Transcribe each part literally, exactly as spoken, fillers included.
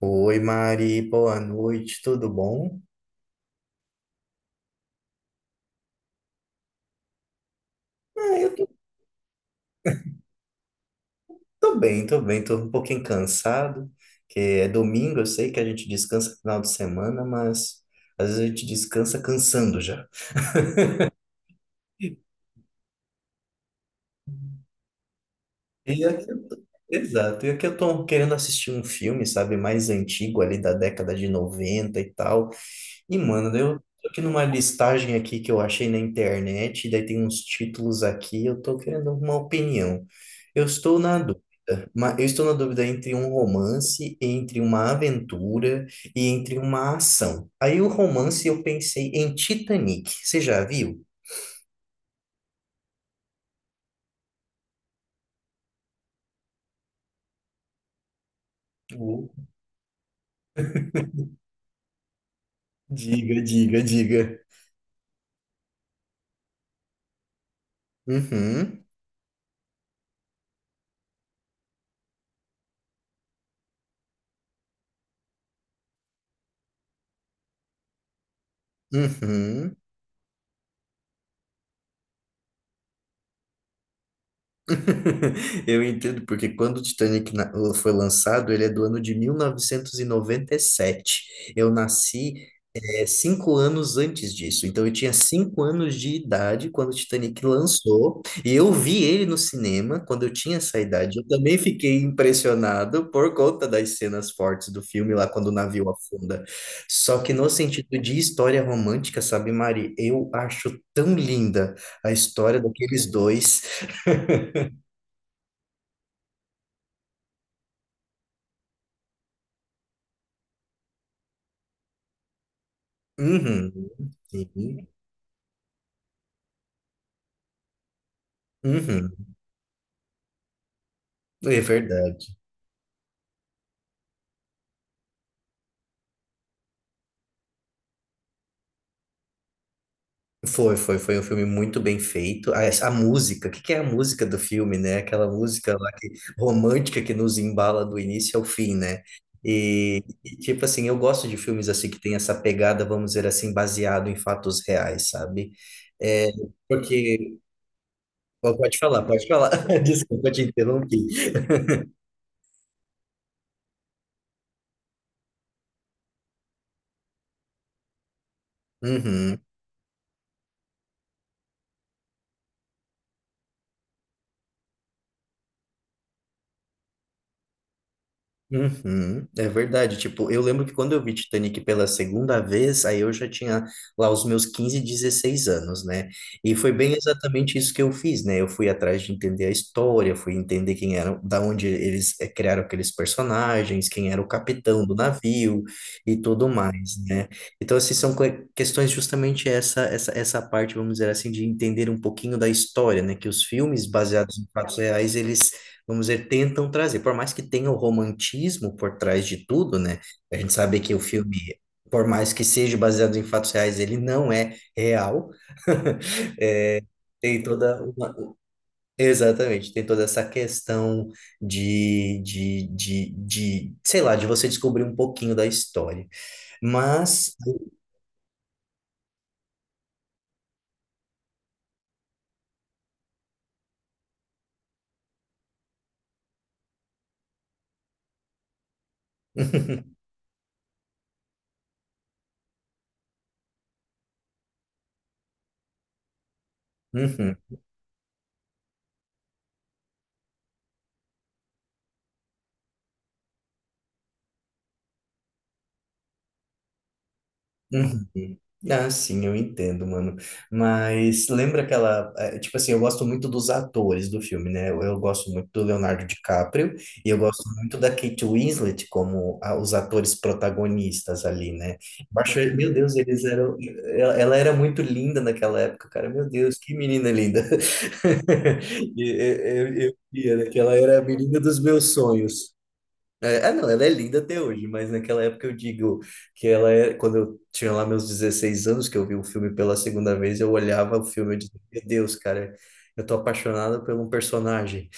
Oi, Mari, boa noite, tudo bom? Ah, eu tô, tô bem, tô bem, tô um pouquinho cansado, que é domingo, eu sei que a gente descansa no final de semana, mas às vezes a gente descansa cansando já. E aqui eu tô- Exato, e aqui eu tô querendo assistir um filme, sabe, mais antigo ali da década de noventa e tal. E, mano, eu tô aqui numa listagem aqui que eu achei na internet, daí tem uns títulos aqui, eu tô querendo uma opinião. Eu estou na dúvida, mas eu estou na dúvida entre um romance, entre uma aventura e entre uma ação. Aí o romance eu pensei em Titanic, você já viu? Oh. Diga, diga, diga. Uhum, uhum. Eu entendo, porque quando o Titanic na- foi lançado, ele é do ano de mil novecentos e e noventa e sete. Eu nasci, eh, cinco anos antes disso. Então, eu tinha cinco anos de idade quando o Titanic lançou. E eu vi ele no cinema quando eu tinha essa idade. Eu também fiquei impressionado por conta das cenas fortes do filme lá quando o navio afunda. Só que no sentido de história romântica, sabe, Mari? Eu acho tão linda a história daqueles dois. Uhum, sim. Uhum. É verdade. Foi, foi, foi um filme muito bem feito. A, a música, o que que é a música do filme, né? Aquela música lá que, romântica, que nos embala do início ao fim, né? E, e, tipo assim, eu gosto de filmes assim que tem essa pegada, vamos dizer assim, baseado em fatos reais, sabe? É, porque. Pode falar, pode falar. Desculpa, eu te interrompi. Uhum. Uhum, é verdade, tipo, eu lembro que quando eu vi Titanic pela segunda vez, aí eu já tinha lá os meus quinze, dezesseis anos, né? E foi bem exatamente isso que eu fiz, né? Eu fui atrás de entender a história, fui entender quem eram, da onde eles eh, criaram aqueles personagens, quem era o capitão do navio e tudo mais, né? Então, assim, são que- questões justamente essa, essa, essa parte, vamos dizer assim, de entender um pouquinho da história, né? Que os filmes baseados em fatos reais, eles, vamos dizer, tentam trazer. Por mais que tenha o romantismo por trás de tudo, né? A gente sabe que o filme, por mais que seja baseado em fatos reais, ele não é real. Tem toda uma... Exatamente, tem toda essa questão de, de, de, de, sei lá, de você descobrir um pouquinho da história. Mas, uhum. Uhum. Ah, sim, eu entendo, mano. Mas lembra aquela. eh, Tipo assim, eu gosto muito dos atores do filme, né? Eu, eu gosto muito do Leonardo DiCaprio e eu gosto muito da Kate Winslet como a- os atores protagonistas ali, né? Eu acho, meu Deus, eles eram. Ela, ela era muito linda naquela época, cara. Meu Deus, que menina linda. E, eh, Eu, eu via, né, que ela era a menina dos meus sonhos. É, ah, não, ela é linda até hoje, mas naquela época eu digo que ela é. Quando eu tinha lá meus dezesseis anos, que eu vi o filme pela segunda vez, eu olhava o filme e dizia, meu Deus, cara, eu tô apaixonado por um personagem.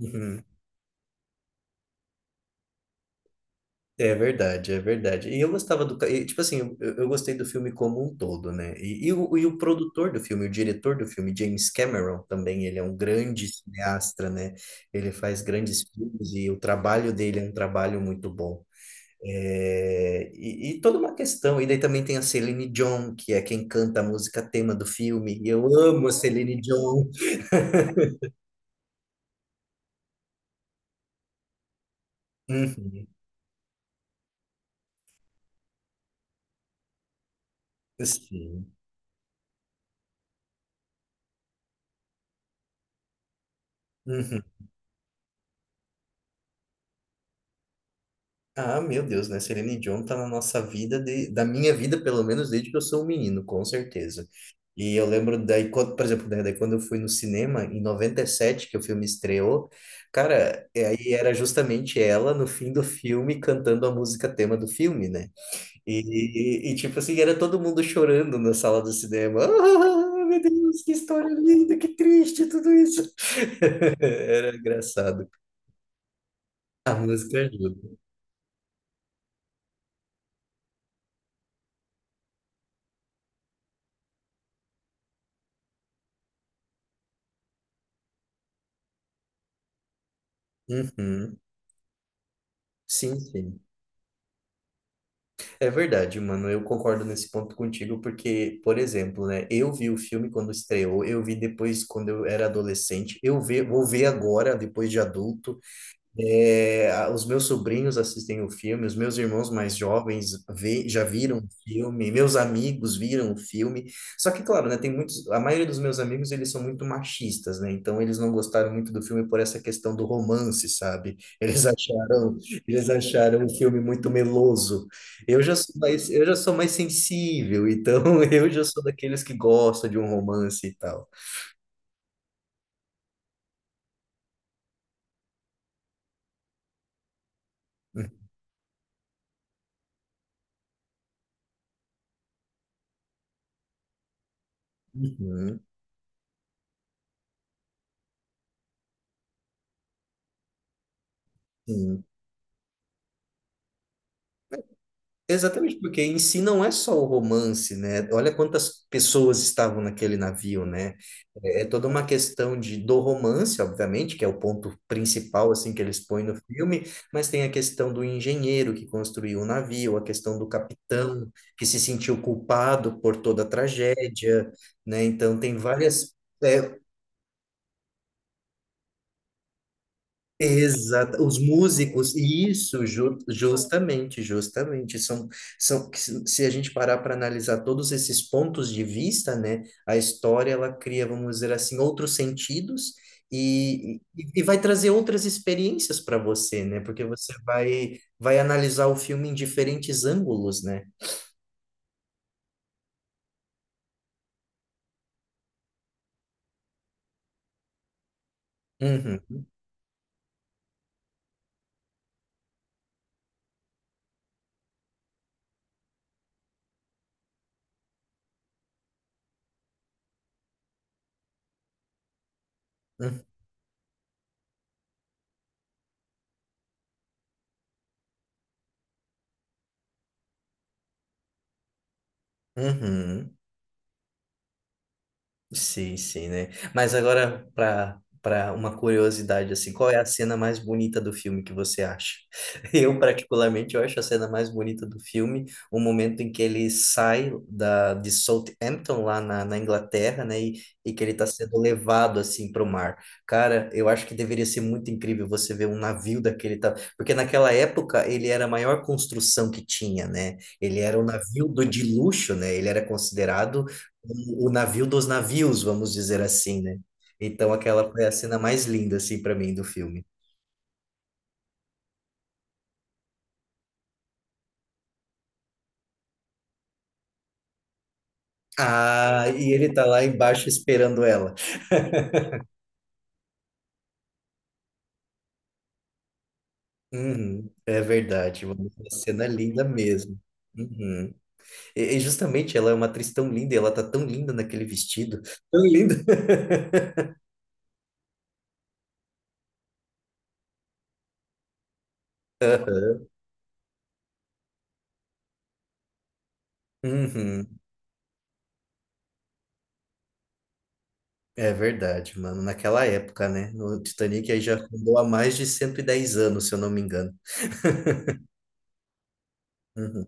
Uhum. É verdade, é verdade. E eu gostava do. Ca- e, Tipo assim, eu, eu gostei do filme como um todo, né? E, e o, e o produtor do filme, o diretor do filme, James Cameron, também, ele é um grande cineasta, né? Ele faz grandes filmes e o trabalho dele é um trabalho muito bom. É, e, e toda uma questão. E daí também tem a Celine Dion, que é quem canta a música tema do filme. E eu amo a Celine Dion. Uhum, sim. Uhum. Ah, meu Deus, né? Celine Dion tá na nossa vida, de, da minha vida, pelo menos, desde que eu sou um menino, com certeza. E eu lembro daí, quando, por exemplo, né, daí quando eu fui no cinema, em noventa e sete que o filme estreou, cara, é, aí era justamente ela, no fim do filme, cantando a música tema do filme, né? E, e, e, tipo assim, era todo mundo chorando na sala do cinema. Ah, ah, meu Deus, que história linda, que triste tudo isso. Era engraçado. A música ajuda. Uhum. Sim, sim. É verdade, mano. Eu concordo nesse ponto contigo, porque, por exemplo, né? Eu vi o filme quando estreou, eu vi depois quando eu era adolescente, eu ve- vou ver agora, depois de adulto. É, a- os meus sobrinhos assistem o filme, os meus irmãos mais jovens vê- já viram o filme, meus amigos viram o filme. Só que, claro, né, tem muitos, a maioria dos meus amigos, eles são muito machistas, né? Então eles não gostaram muito do filme por essa questão do romance, sabe? Eles acharam, eles acharam o filme muito meloso. Eu já sou mais, eu já sou mais sensível, então eu já sou daqueles que gostam de um romance e tal. Uhum, sim. Exatamente, porque em si não é só o romance, né? Olha quantas pessoas estavam naquele navio, né? É é toda uma questão de, do romance, obviamente, que é o ponto principal, assim, que eles põem no filme, mas tem a questão do engenheiro que construiu o navio, a questão do capitão que se sentiu culpado por toda a tragédia, né? Então, tem várias. é, Exato, os músicos, e isso, ju- justamente, justamente, são, são, que se se a gente parar para analisar todos esses pontos de vista, né, a história, ela cria, vamos dizer assim, outros sentidos e, e, e vai trazer outras experiências para você, né, porque você vai, vai analisar o filme em diferentes ângulos, né? Uhum, uhum, uhum. Sim, sim, né? Mas agora, para para uma curiosidade, assim, qual é a cena mais bonita do filme que você acha? Eu, particularmente, eu acho a cena mais bonita do filme o momento em que ele sai da, de Southampton, lá na, na Inglaterra, né? E, e que ele está sendo levado, assim, para o mar. Cara, eu acho que deveria ser muito incrível você ver um navio daquele... ta- Porque naquela época, ele era a maior construção que tinha, né? Ele era um navio do, de luxo, né? Ele era considerado o, o navio dos navios, vamos dizer assim, né? Então aquela foi a cena mais linda, assim, para mim do filme. Ah, e ele tá lá embaixo esperando ela. Uhum, é verdade, mano. Uma cena linda mesmo. Uhum. E, e justamente ela é uma atriz tão linda, e ela tá tão linda naquele vestido. Tão linda. Aham. Uhum, é verdade, mano. Naquela época, né? O Titanic aí já andou há mais de cento e dez anos, se eu não me engano. Uhum.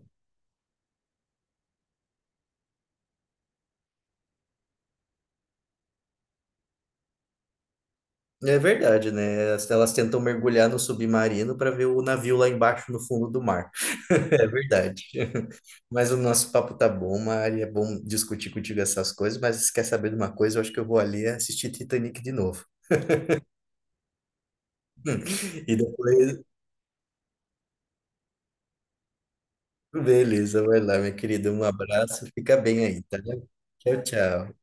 É verdade, né? Elas elas tentam mergulhar no submarino para ver o navio lá embaixo no fundo do mar. É verdade. Mas o nosso papo tá bom, Mari. É bom discutir contigo essas coisas, mas se quer saber de uma coisa, eu acho que eu vou ali assistir Titanic de novo. E depois, beleza, vai lá, minha querida. Um abraço, fica bem aí, tá? Tchau, tchau.